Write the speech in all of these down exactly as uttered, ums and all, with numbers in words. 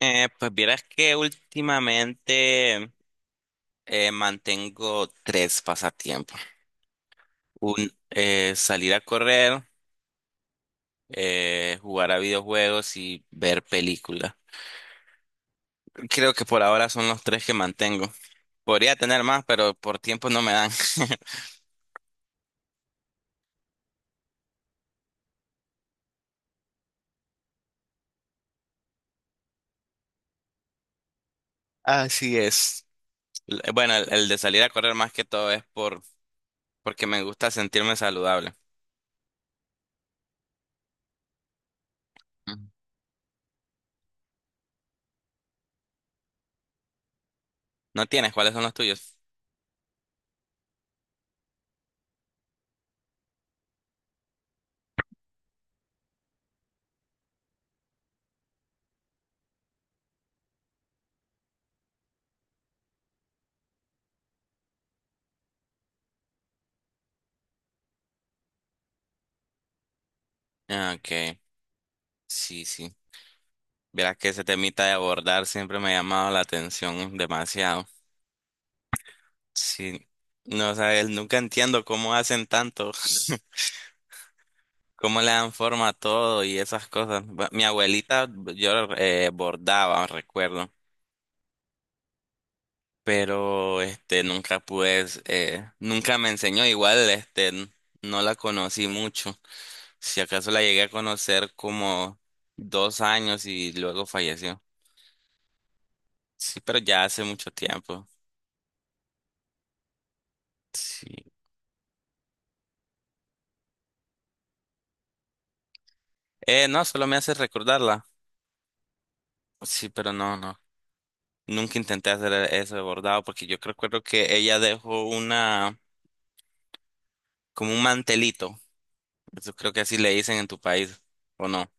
Eh, pues vieras que últimamente eh, mantengo tres pasatiempos. Un, eh, salir a correr, eh, jugar a videojuegos y ver películas. Creo que por ahora son los tres que mantengo. Podría tener más, pero por tiempo no me dan. Así es. L- Bueno, el, el de salir a correr más que todo es por porque me gusta sentirme saludable. Ujú. ¿No tienes? ¿Cuáles son los tuyos? Ah, ok, sí, sí. Verás que ese temita de abordar siempre me ha llamado la atención demasiado. Sí, no, o sea, él nunca entiendo cómo hacen tanto, cómo le dan forma a todo y esas cosas. Bu- Mi abuelita, yo eh, bordaba, recuerdo, pero este nunca pude, eh, nunca me enseñó. Igual, este, n- no la conocí mucho. Si acaso la llegué a conocer como dos años y luego falleció. Sí, pero ya hace mucho tiempo. Sí. Eh, no, solo me hace recordarla. Sí, pero no, no. Nunca intenté hacer e-, eso de bordado porque yo creo, creo que ella dejó una, como un mantelito. Eso creo que así le dicen en tu país, ¿o no?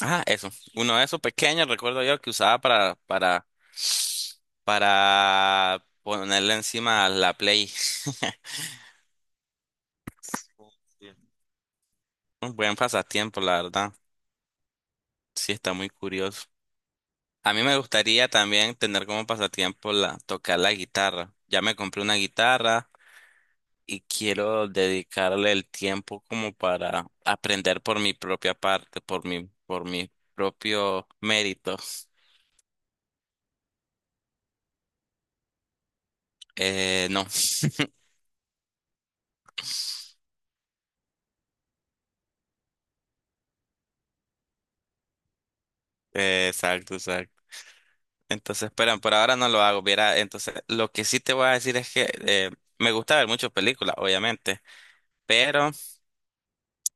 Ah, eso. Uno de esos pequeños, recuerdo yo, que usaba para, para, para ponerle encima a la Play. Un buen pasatiempo, la verdad. Sí, está muy curioso. A mí me gustaría también tener como pasatiempo la, tocar la guitarra. Ya me compré una guitarra. Y quiero dedicarle el tiempo como para aprender por mi propia parte, por mi, por mi propio mérito. Eh, no. Eh, exacto, exacto. Entonces, pero por ahora no lo hago. Viera, entonces, lo que sí te voy a decir es que eh, me gusta ver muchas películas, obviamente, pero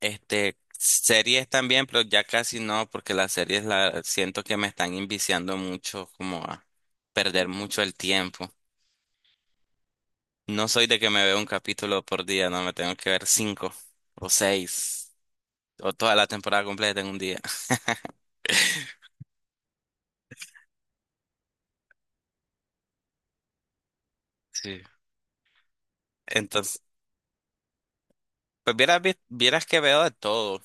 este series también, pero ya casi no, porque las series la siento que me están inviciando mucho, como a perder mucho el tiempo. No soy de que me veo un capítulo por día, no, me tengo que ver cinco o seis o toda la temporada completa en un día. Sí. Entonces, pues vieras, vi- vieras que veo de todo.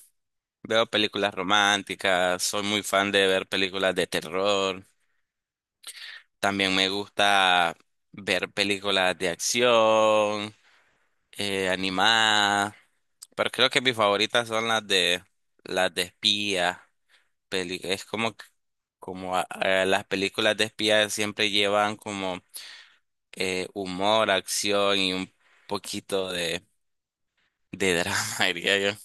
Veo películas románticas, soy muy fan de ver películas de terror. También me gusta ver películas de acción, eh, animadas, pero creo que mis favoritas son las de las de espías. peli- Es como que- como a- a las películas de espías siempre llevan como eh, humor, acción y un poquito de, de drama, diría yo.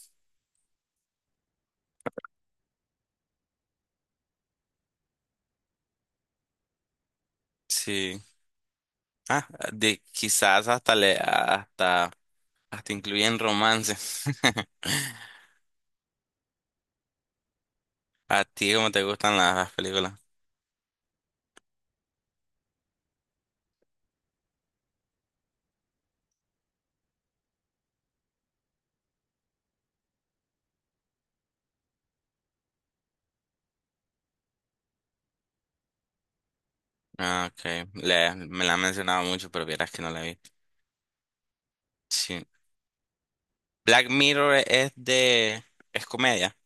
Sí. Ah, de quizás hasta le hasta hasta incluyen romance. ¿A ti cómo te gustan las películas? Ah, ok. Le- me la han mencionado mucho, pero vieras que no la vi. Sí. Black Mirror es de... es comedia.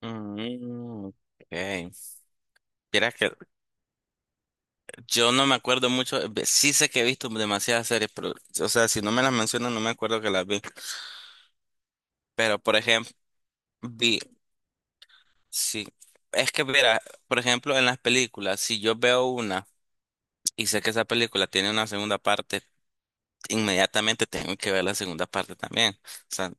Mm, ok. Vieras que yo no me acuerdo mucho. ve- Sí sé que he visto demasiadas series, pero. O sea, si no me las mencionan, no me acuerdo que las vi. Pero, por ejemplo, vi. Sí. Es que, mira, por ejemplo, en las películas, si yo veo una y sé que esa película tiene una segunda parte, inmediatamente tengo que ver la segunda parte también. O sea,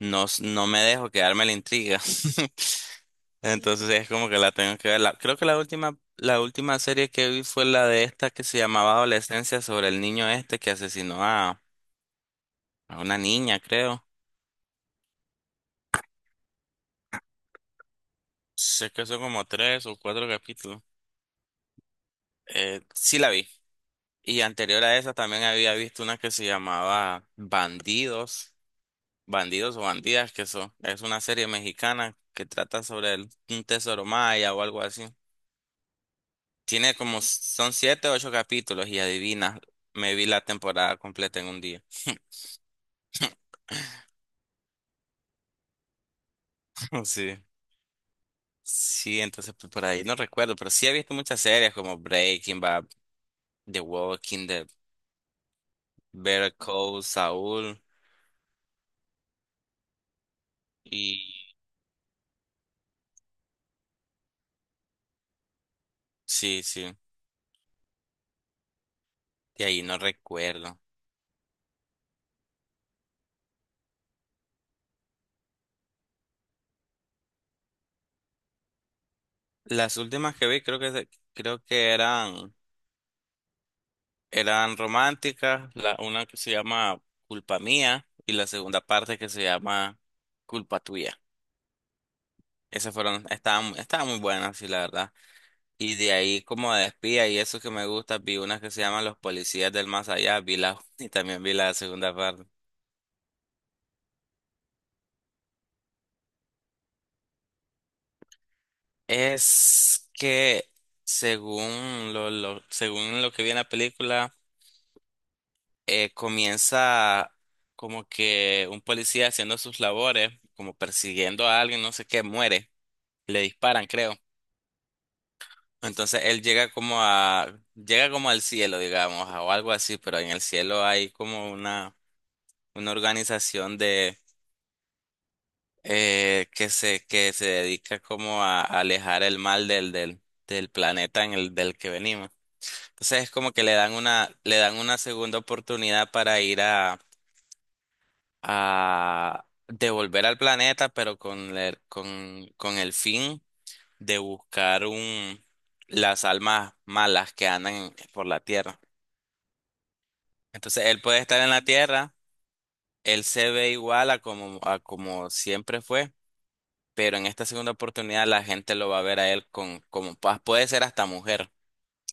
no, s- no me dejo quedarme la intriga. Entonces es como que la tengo que ver. La- creo que la última, la última serie que vi fue la de esta que se llamaba Adolescencia sobre el niño este que asesinó a, a una niña, creo. Sé que son como tres o cuatro capítulos. Eh, sí la vi. Y anterior a esa también había visto una que se llamaba Bandidos, Bandidos o Bandidas, que son, es una serie mexicana que trata sobre el- un tesoro maya o algo así. Tiene como, son siete o ocho capítulos y adivina, me vi la temporada completa en un día. Sí. Sí, entonces pues, por ahí no recuerdo, pero sí he visto muchas series como Breaking Bad, The Walking Dead, Better Call Saul y sí, sí, de ahí no recuerdo. Las últimas que vi creo que se- creo que eran eran románticas, la una que se llama Culpa Mía y la segunda parte que se llama Culpa Tuya. Esas fueron estaban estaban muy buenas, sí, la verdad. Y de ahí como de espía y eso que me gusta, vi unas que se llaman Los Policías del Más Allá, vi la y también vi la segunda parte. Es que según lo, lo- según lo que vi en la película, eh, comienza como que un policía haciendo sus labores, como persiguiendo a alguien, no sé qué, muere, le disparan, creo. Entonces él llega como a, llega como al cielo, digamos, o algo así, pero en el cielo hay como una, una organización eh, que se, que se dedica como a, a alejar el mal del, del, del planeta en el del que venimos. Entonces es como que le dan una, le dan una segunda oportunidad para ir a, a devolver al planeta, pero con, el- con, con el fin de buscar un, las almas malas que andan por la Tierra. Entonces él puede estar en la Tierra, él se ve igual a como, a como siempre fue, pero en esta segunda oportunidad la gente lo va a ver a él, con, como, pa- puede ser hasta mujer.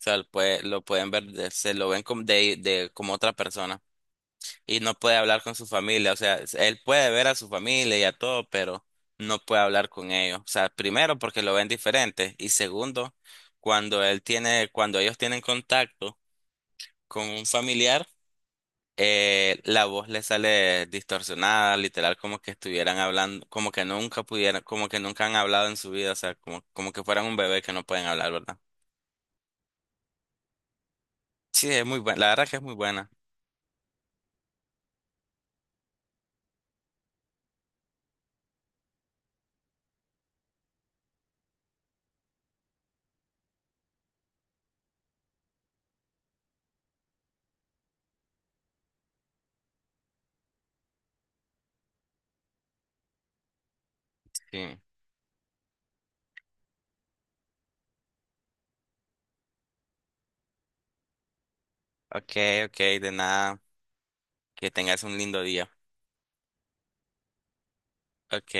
O sea, lo, puede- lo pueden ver, de- se lo ven como, de, de, como otra persona. Y no puede hablar con su familia. O sea, s- él puede ver a su familia y a todo, pero no puede hablar con ellos. O sea, primero porque lo ven diferente. Y segundo, cuando él tiene, cuando ellos tienen contacto con un familiar, eh, la voz le sale distorsionada, literal, como que estuvieran hablando, como que nunca pudieran, como que nunca han hablado en su vida, o sea, como, como que fueran un bebé que no pueden hablar, ¿verdad? Sí, es muy buena, la verdad que es muy buena. Sí. Ok, ok, de nada, que tengas un lindo día. Ok.